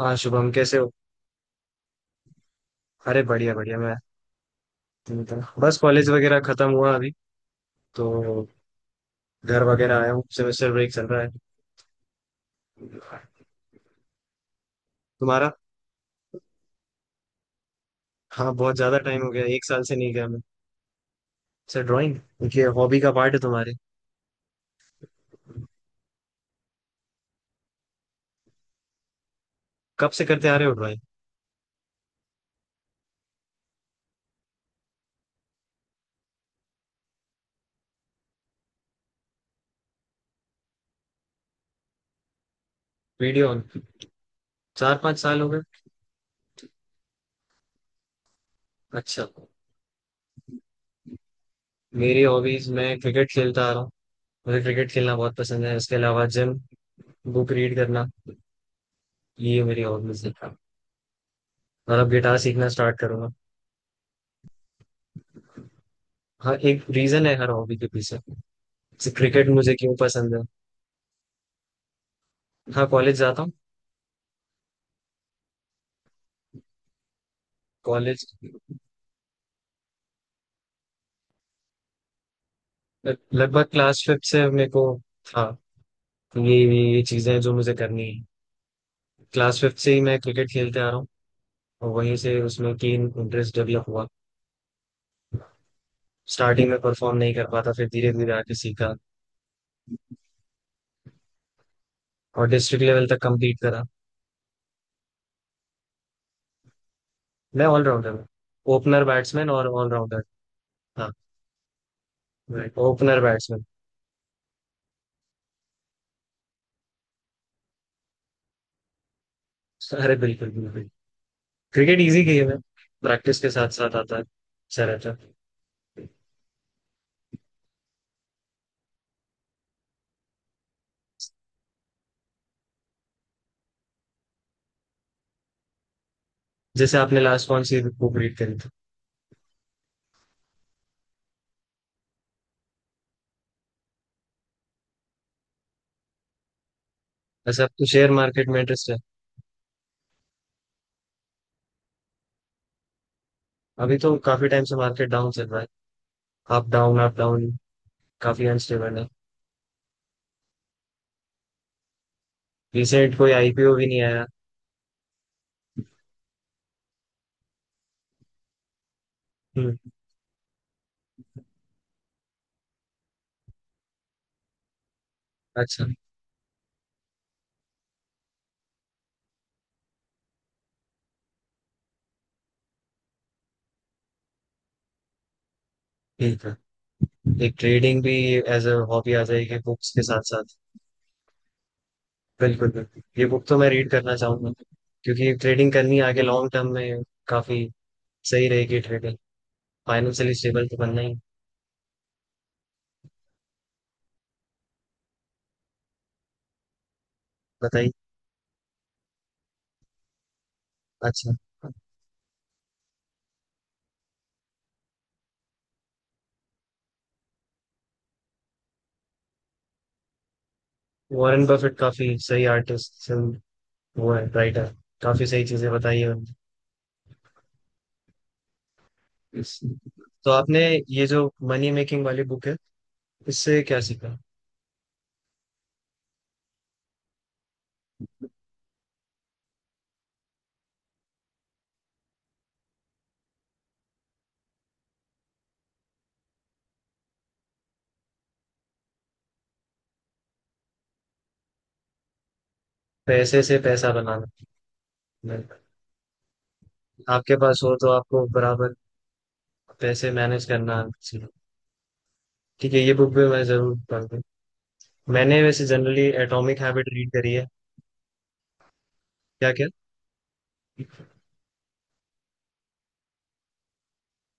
हाँ शुभम, कैसे हो? अरे बढ़िया बढ़िया। मैं तुम बताओ। बस कॉलेज वगैरह खत्म हुआ अभी, तो घर वगैरह आया हूँ। सेमेस्टर ब्रेक चल रहा है। तुम्हारा? हाँ, बहुत ज्यादा टाइम हो गया। एक साल से नहीं गया मैं। सर, ड्राइंग ये हॉबी का पार्ट है तुम्हारे? कब से करते आ रहे हो ड्राइंग? वीडियो। 4-5 साल हो गए? अच्छा। मेरी हॉबीज, मैं क्रिकेट खेलता आ रहा हूँ। मुझे क्रिकेट खेलना बहुत पसंद है। उसके अलावा जिम, बुक रीड करना, ये मेरी हॉबीज है। और अब गिटार सीखना स्टार्ट करूंगा। हाँ, एक रीजन है हर हॉबी के पीछे। जैसे क्रिकेट मुझे क्यों पसंद है। हाँ, कॉलेज जाता हूँ। कॉलेज। लगभग क्लास फिफ्थ से मेरे को था। तो ये चीजें हैं जो मुझे करनी है। क्लास फिफ्थ से ही मैं क्रिकेट खेलते आ रहा हूँ। और वहीं से उसमें कीन इंटरेस्ट डेवलप हुआ। स्टार्टिंग में परफॉर्म नहीं कर पाता, फिर धीरे धीरे आके सीखा। और डिस्ट्रिक्ट लेवल तक कंप्लीट करा। मैं ऑलराउंडर हूँ। ओपनर बैट्समैन और ऑलराउंडर। हाँ। Opener batsman. अरे बिल्कुल बिल्कुल। क्रिकेट इजी गेम है। प्रैक्टिस के साथ साथ आता है, अच्छा रहता है। जैसे आपने लास्ट कौन सी बुक रीड करी थी? वैसे आपको शेयर मार्केट में इंटरेस्ट? अभी तो काफी टाइम से मार्केट डाउन चल रहा है। Up down, up down. काफी अनस्टेबल है। रिसेंट कोई आईपीओ भी नहीं आया। हम्म। अच्छा। ठीक है। एक ट्रेडिंग भी एज अ हॉबी आ जाएगी बुक्स के साथ साथ। बिल्कुल बिल्कुल, ये बुक तो मैं रीड करना चाहूंगा। क्योंकि ट्रेडिंग करनी आगे लॉन्ग टर्म में, काफी सही रहेगी ट्रेडिंग। फाइनेंशियली स्टेबल तो बनना ही। बताइए। अच्छा। वॉरेन बफेट काफी सही आर्टिस्ट। वो है राइटर। काफी सही चीजें बताई है उन्होंने। तो आपने ये जो मनी मेकिंग वाली बुक है, इससे क्या सीखा? पैसे से पैसा बनाना। नहीं। आपके पास हो तो आपको बराबर पैसे मैनेज करना आना सीखो। ठीक है, ये बुक भी मैं जरूर पढ़ूंगी। मैंने वैसे जनरली एटॉमिक हैबिट रीड करी है। क्या क्या?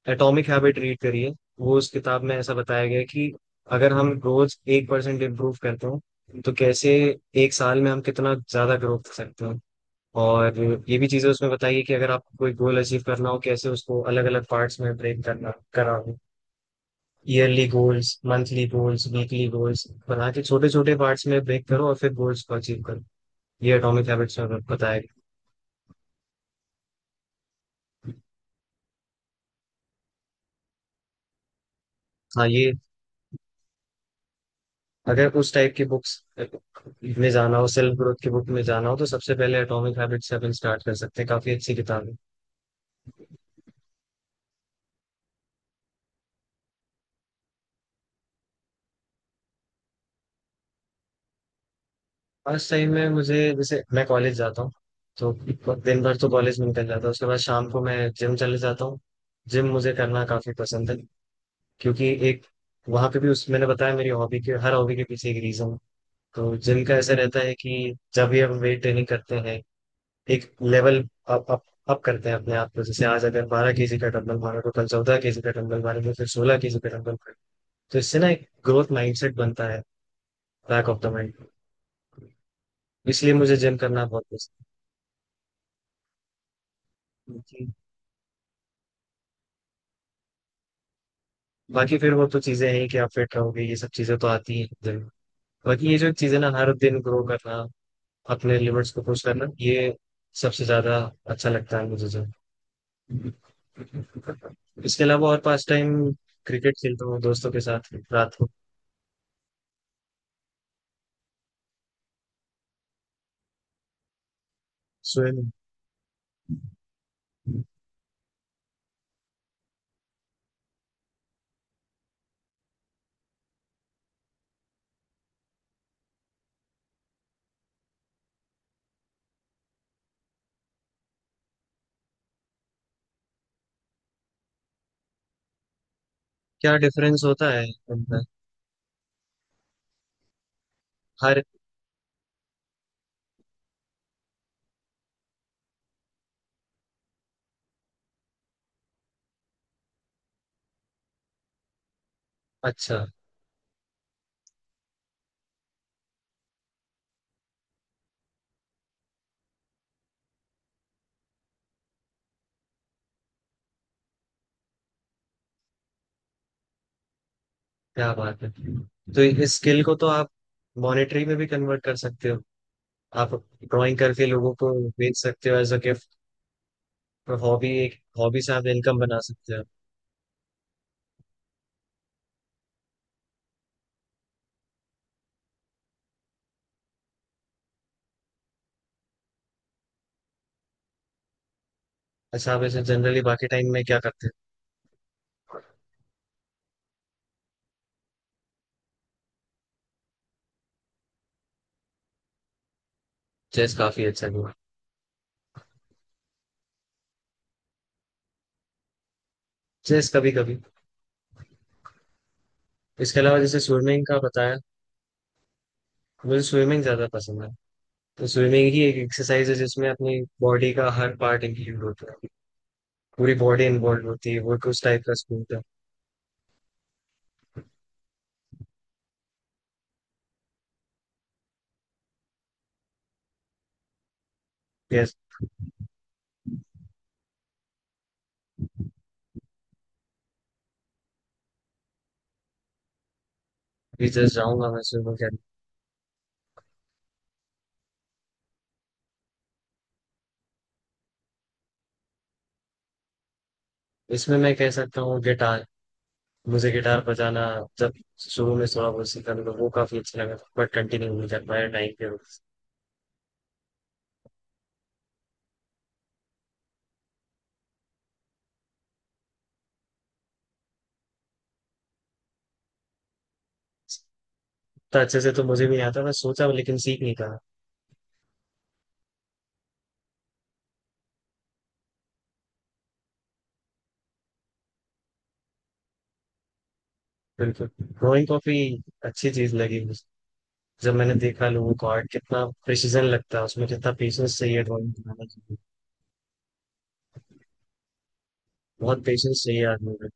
एटॉमिक हैबिट रीड करी है। वो उस किताब में ऐसा बताया गया है कि अगर हम रोज 1% इम्प्रूव करते हो, तो कैसे एक साल में हम कितना ज्यादा ग्रो कर सकते हो। और ये भी चीजें उसमें बताई है कि अगर आपको कोई गोल अचीव करना हो, कैसे उसको अलग अलग पार्ट्स में ब्रेक करना करा। Yearly goals, monthly goals, weekly goals बना के छोटे छोटे पार्ट्स में ब्रेक करो और फिर गोल्स को अचीव करो। ये एटॉमिक हैबिट्स में बताया गया। हाँ, ये अगर उस टाइप की बुक्स में जाना हो, सेल्फ ग्रोथ की बुक में जाना हो, तो सबसे पहले एटॉमिक हैबिट्स से अपन स्टार्ट कर सकते हैं। काफी अच्छी किताब है। फर्स्ट टाइम में मुझे, जैसे मैं कॉलेज जाता हूँ, तो दिन भर तो कॉलेज में निकल जाता है। उसके बाद शाम को मैं जिम चले जाता हूँ। जिम मुझे करना काफी पसंद है। क्योंकि एक, वहां पे भी उस मैंने बताया मेरी हॉबी के, हर हॉबी के पीछे एक रीजन। तो जिम का ऐसा रहता है कि जब भी हम वेट ट्रेनिंग करते हैं, एक लेवल अप अप अप करते हैं अपने आप को। जैसे आज अगर 12 केजी का डंबल मारा, तो कल 14 केजी का डंबल मारेंगे, फिर 16 केजी का डंबल मारेंगे। तो इससे ना एक ग्रोथ माइंडसेट बनता है, बैक ऑफ द माइंड। इसलिए मुझे जिम करना बहुत पसंद है। जी। बाकी फिर वो तो चीजें हैं कि आप फिट रहोगे, ये सब चीजें तो आती हैं जिम। बाकी ये जो चीजें ना, हर दिन ग्रो करना, अपने लिमिट्स को पुश करना, ये सबसे ज्यादा अच्छा लगता है मुझे जिम। इसके अलावा और पास टाइम क्रिकेट खेलता हूँ दोस्तों के साथ रात को। सोए में। क्या डिफरेंस होता है अंदर? हर। अच्छा। क्या बात है, तो इस स्किल को तो आप मॉनेटरी में भी कन्वर्ट कर सकते हो। आप ड्राइंग करके लोगों को बेच सकते हो, एज अ गिफ्ट। हॉबी एक, हॉबी से आप इनकम बना सकते हो। अच्छा, आप ऐसे जनरली बाकी टाइम में क्या करते हो? चेस काफी अच्छा हुआ। चेस कभी कभी। इसके अलावा जैसे स्विमिंग का बताया, मुझे स्विमिंग ज्यादा पसंद है। तो स्विमिंग ही एक एक्सरसाइज है जिसमें अपनी बॉडी का हर पार्ट इंक्लूड होता है। पूरी बॉडी इन्वॉल्व होती है, वो एक उस टाइप का स्पोर्ट है। यस, अभी जस्ट जाऊंगा मैं स्विमिंग करने। इसमें मैं कह सकता हूँ गिटार, मुझे गिटार बजाना, जब शुरू में थोड़ा बहुत सीखा तो वो काफी अच्छा लगा, बट कंटिन्यू नहीं कर पाया टाइम के वजह से। तो अच्छे से तो मुझे भी नहीं आता, मैं सोचा लेकिन सीख नहीं पाया। बिल्कुल, ड्रॉइंग काफी अच्छी चीज लगी मुझे। जब मैंने देखा लोगों को, आर्ट कितना प्रिसीजन लगता है उसमें, कितना पेशेंस चाहिए ड्रॉइंग बनाने के लिए। बहुत पेशेंस चाहिए आदमी में।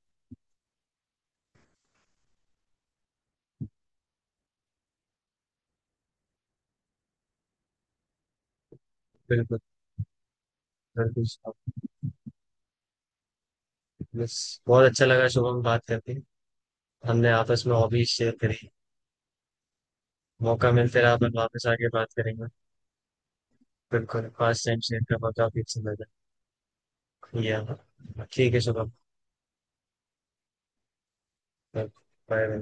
बिल्कुल। बस, बहुत अच्छा लगा शुभम बात करके। हमने आपस में हॉबीज शेयर करी। मौका मिलते रहा, अपन वापस आके बात करेंगे। बिल्कुल, पास टाइम शेयर का मौका फिर से मिलेगा। ये ठीक है शुभम। बाय। बाय।